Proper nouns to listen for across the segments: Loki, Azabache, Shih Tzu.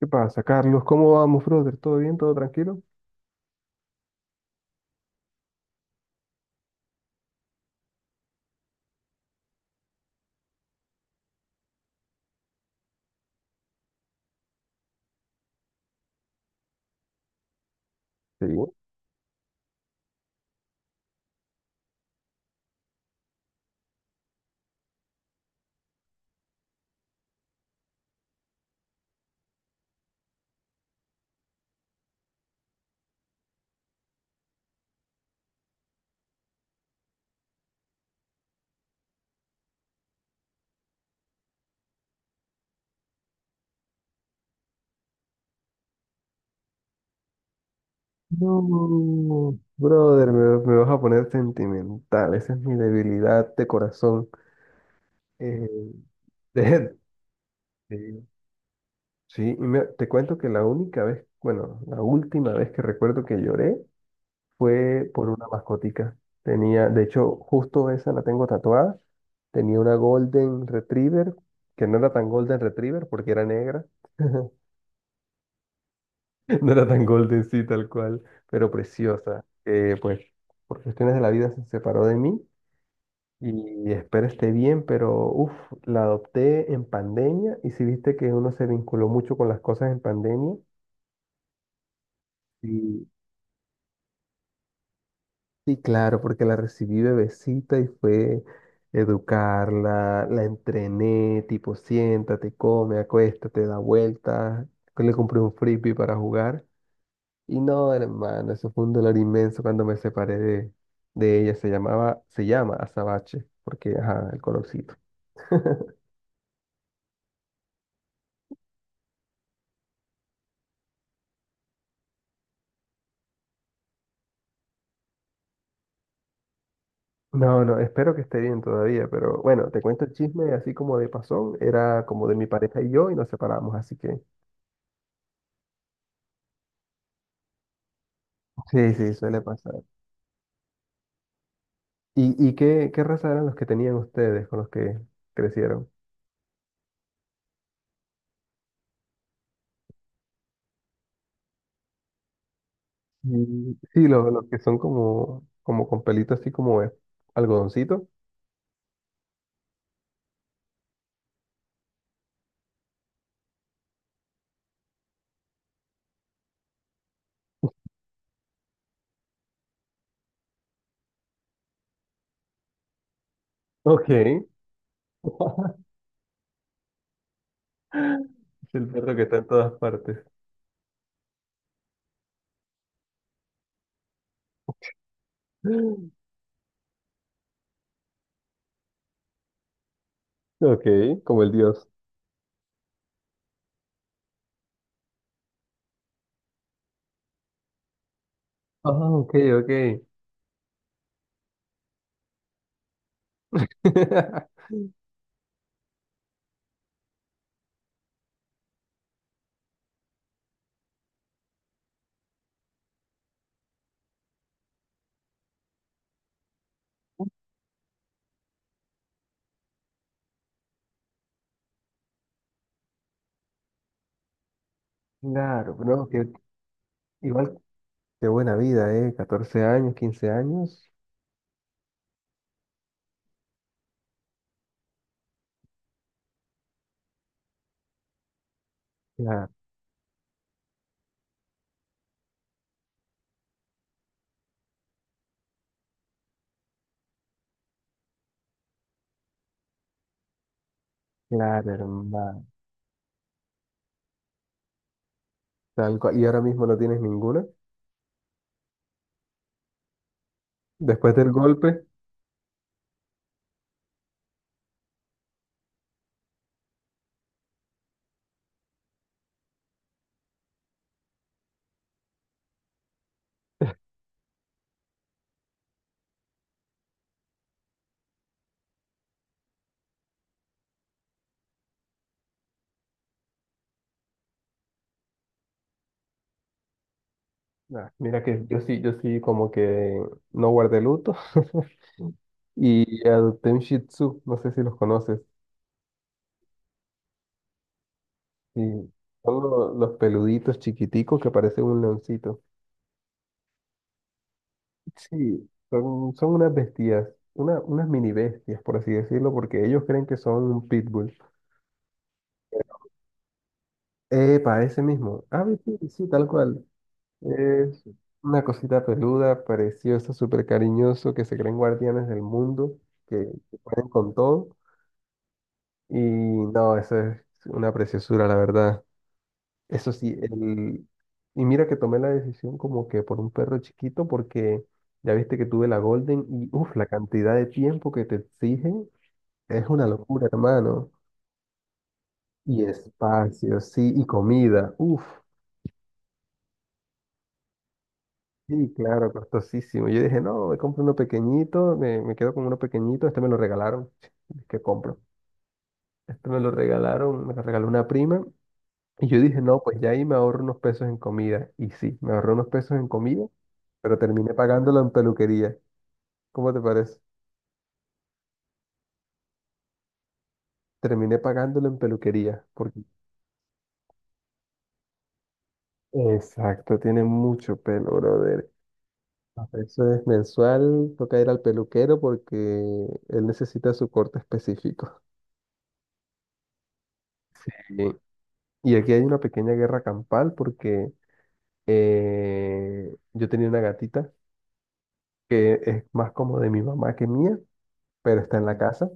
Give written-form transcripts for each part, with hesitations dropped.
¿Qué pasa, Carlos? ¿Cómo vamos, brother? ¿Todo bien? ¿Todo tranquilo? Sí. No, brother, me vas a poner sentimental. Esa es mi debilidad de corazón. Eh, de- de- sí, y te cuento que la única vez, bueno, la última vez que recuerdo que lloré fue por una mascotica. Tenía, de hecho, justo esa la tengo tatuada. Tenía una Golden Retriever, que no era tan Golden Retriever porque era negra. No era tan golden, sí, tal cual, pero preciosa. Pues por cuestiones de la vida se separó de mí y espero esté bien, pero uff, la adopté en pandemia y si viste que uno se vinculó mucho con las cosas en pandemia. Sí, sí, claro, porque la recibí bebecita y fue educarla, la entrené, tipo, siéntate, come, acuéstate, da vueltas, le compré un frisbee para jugar. Y no, hermano, eso fue un dolor inmenso cuando me separé de ella. Se llamaba, se llama Azabache, porque, ajá, el colorcito. No, no, espero que esté bien todavía, pero bueno, te cuento el chisme así como de pasón, era como de mi pareja y yo y nos separamos, así que sí, sí, suele pasar. ¿Y qué raza eran los que tenían ustedes con los que crecieron? Mm, sí, los que son como, como con pelito así como algodoncito. Ok. Es el perro que está en todas partes. Ok, como el dios. Ah, ok, ok. Claro, no, que igual, qué buena vida, ¿eh? 14 años, 15 años. Ya, claro, hermano. Tal cual. ¿Y ahora mismo no tienes ninguna? Después del golpe. Ah, mira que yo sí, yo sí como que no guardé luto. Y adopté un Shih Tzu, no sé si los conoces. Sí, son los peluditos chiquiticos que parecen un leoncito. Sí, son, son unas bestias, una, unas mini bestias, por así decirlo, porque ellos creen que son un pitbull. Epa, ese mismo. Ah, sí, sí, sí, tal cual. Es una cosita peluda, preciosa, súper cariñoso, que se creen guardianes del mundo, que, que pueden con todo. Y no, eso es una preciosura, la verdad. Eso sí, el... y mira que tomé la decisión como que por un perro chiquito, porque ya viste que tuve la Golden y uff, la cantidad de tiempo que te exige. Es una locura, hermano. Y espacio, sí, y comida. Uf, sí, claro, costosísimo. Yo dije, no, me compro uno pequeñito, me quedo con uno pequeñito, este me lo regalaron. ¿Qué compro? Este me lo regalaron, me lo regaló una prima. Y yo dije, no, pues ya ahí me ahorro unos pesos en comida. Y sí, me ahorré unos pesos en comida, pero terminé pagándolo en peluquería. ¿Cómo te parece? Terminé pagándolo en peluquería. Porque... Exacto, tiene mucho pelo, brother. Eso es mensual, toca ir al peluquero porque él necesita su corte específico. Sí. Y aquí hay una pequeña guerra campal porque yo tenía una gatita que es más como de mi mamá que mía, pero está en la casa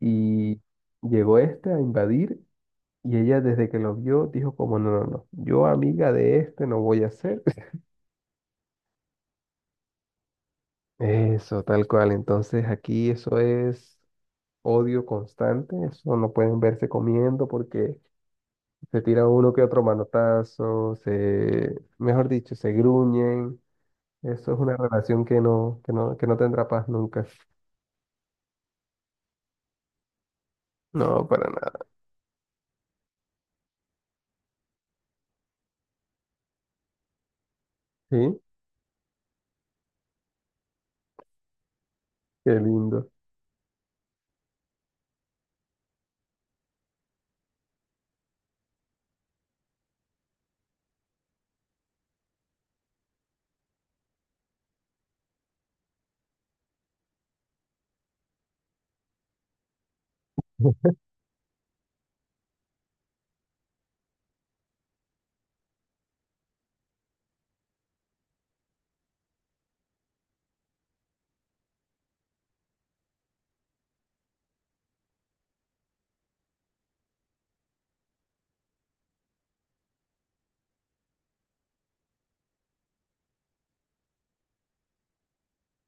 y llegó este a invadir y ella desde que lo vio dijo como no, no, no, yo amiga de este no voy a ser. Eso, tal cual. Entonces aquí eso es odio constante, eso no pueden verse comiendo porque se tira uno que otro manotazo, se, mejor dicho, se gruñen. Eso es una relación que no, que no, que no tendrá paz nunca. No, para nada. Sí, qué lindo.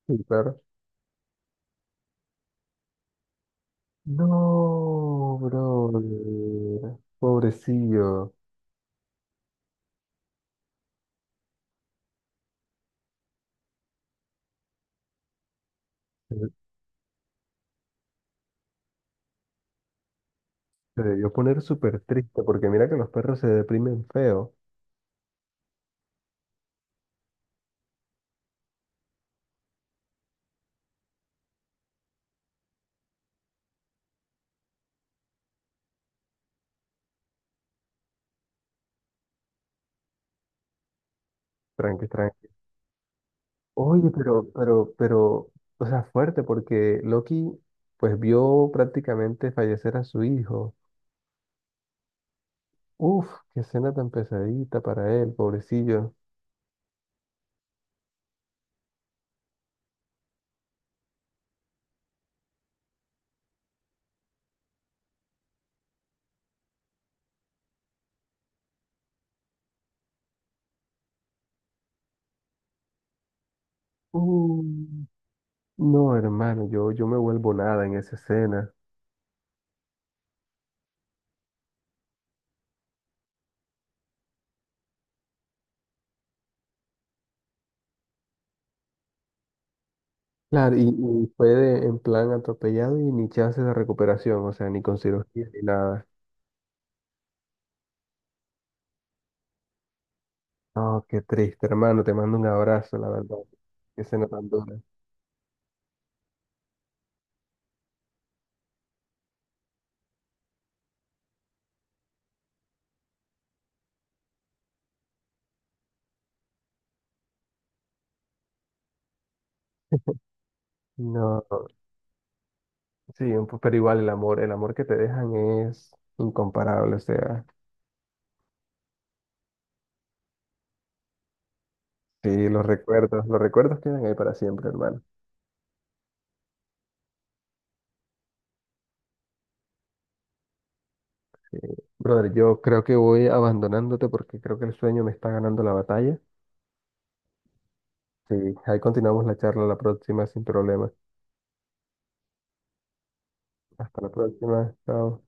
Sí, claro. No, brother. Pobrecillo. Se se debió poner súper triste porque mira que los perros se deprimen feo. Tranqui, tranqui. Oye, pero, o sea, fuerte porque Loki pues vio prácticamente fallecer a su hijo. Uf, qué escena tan pesadita para él, pobrecillo. Uh, no, hermano, yo me vuelvo nada en esa escena. Claro, y fue en plan atropellado y ni chance de recuperación, o sea, ni con cirugía ni nada. No, qué triste, hermano, te mando un abrazo, la verdad. Qué escena tan dura. No, sí, pero igual el amor que te dejan es incomparable, o sea, sí, los recuerdos quedan ahí para siempre, hermano. Brother, yo creo que voy abandonándote porque creo que el sueño me está ganando la batalla. Sí, ahí continuamos la charla la próxima sin problema. Hasta la próxima. Chao.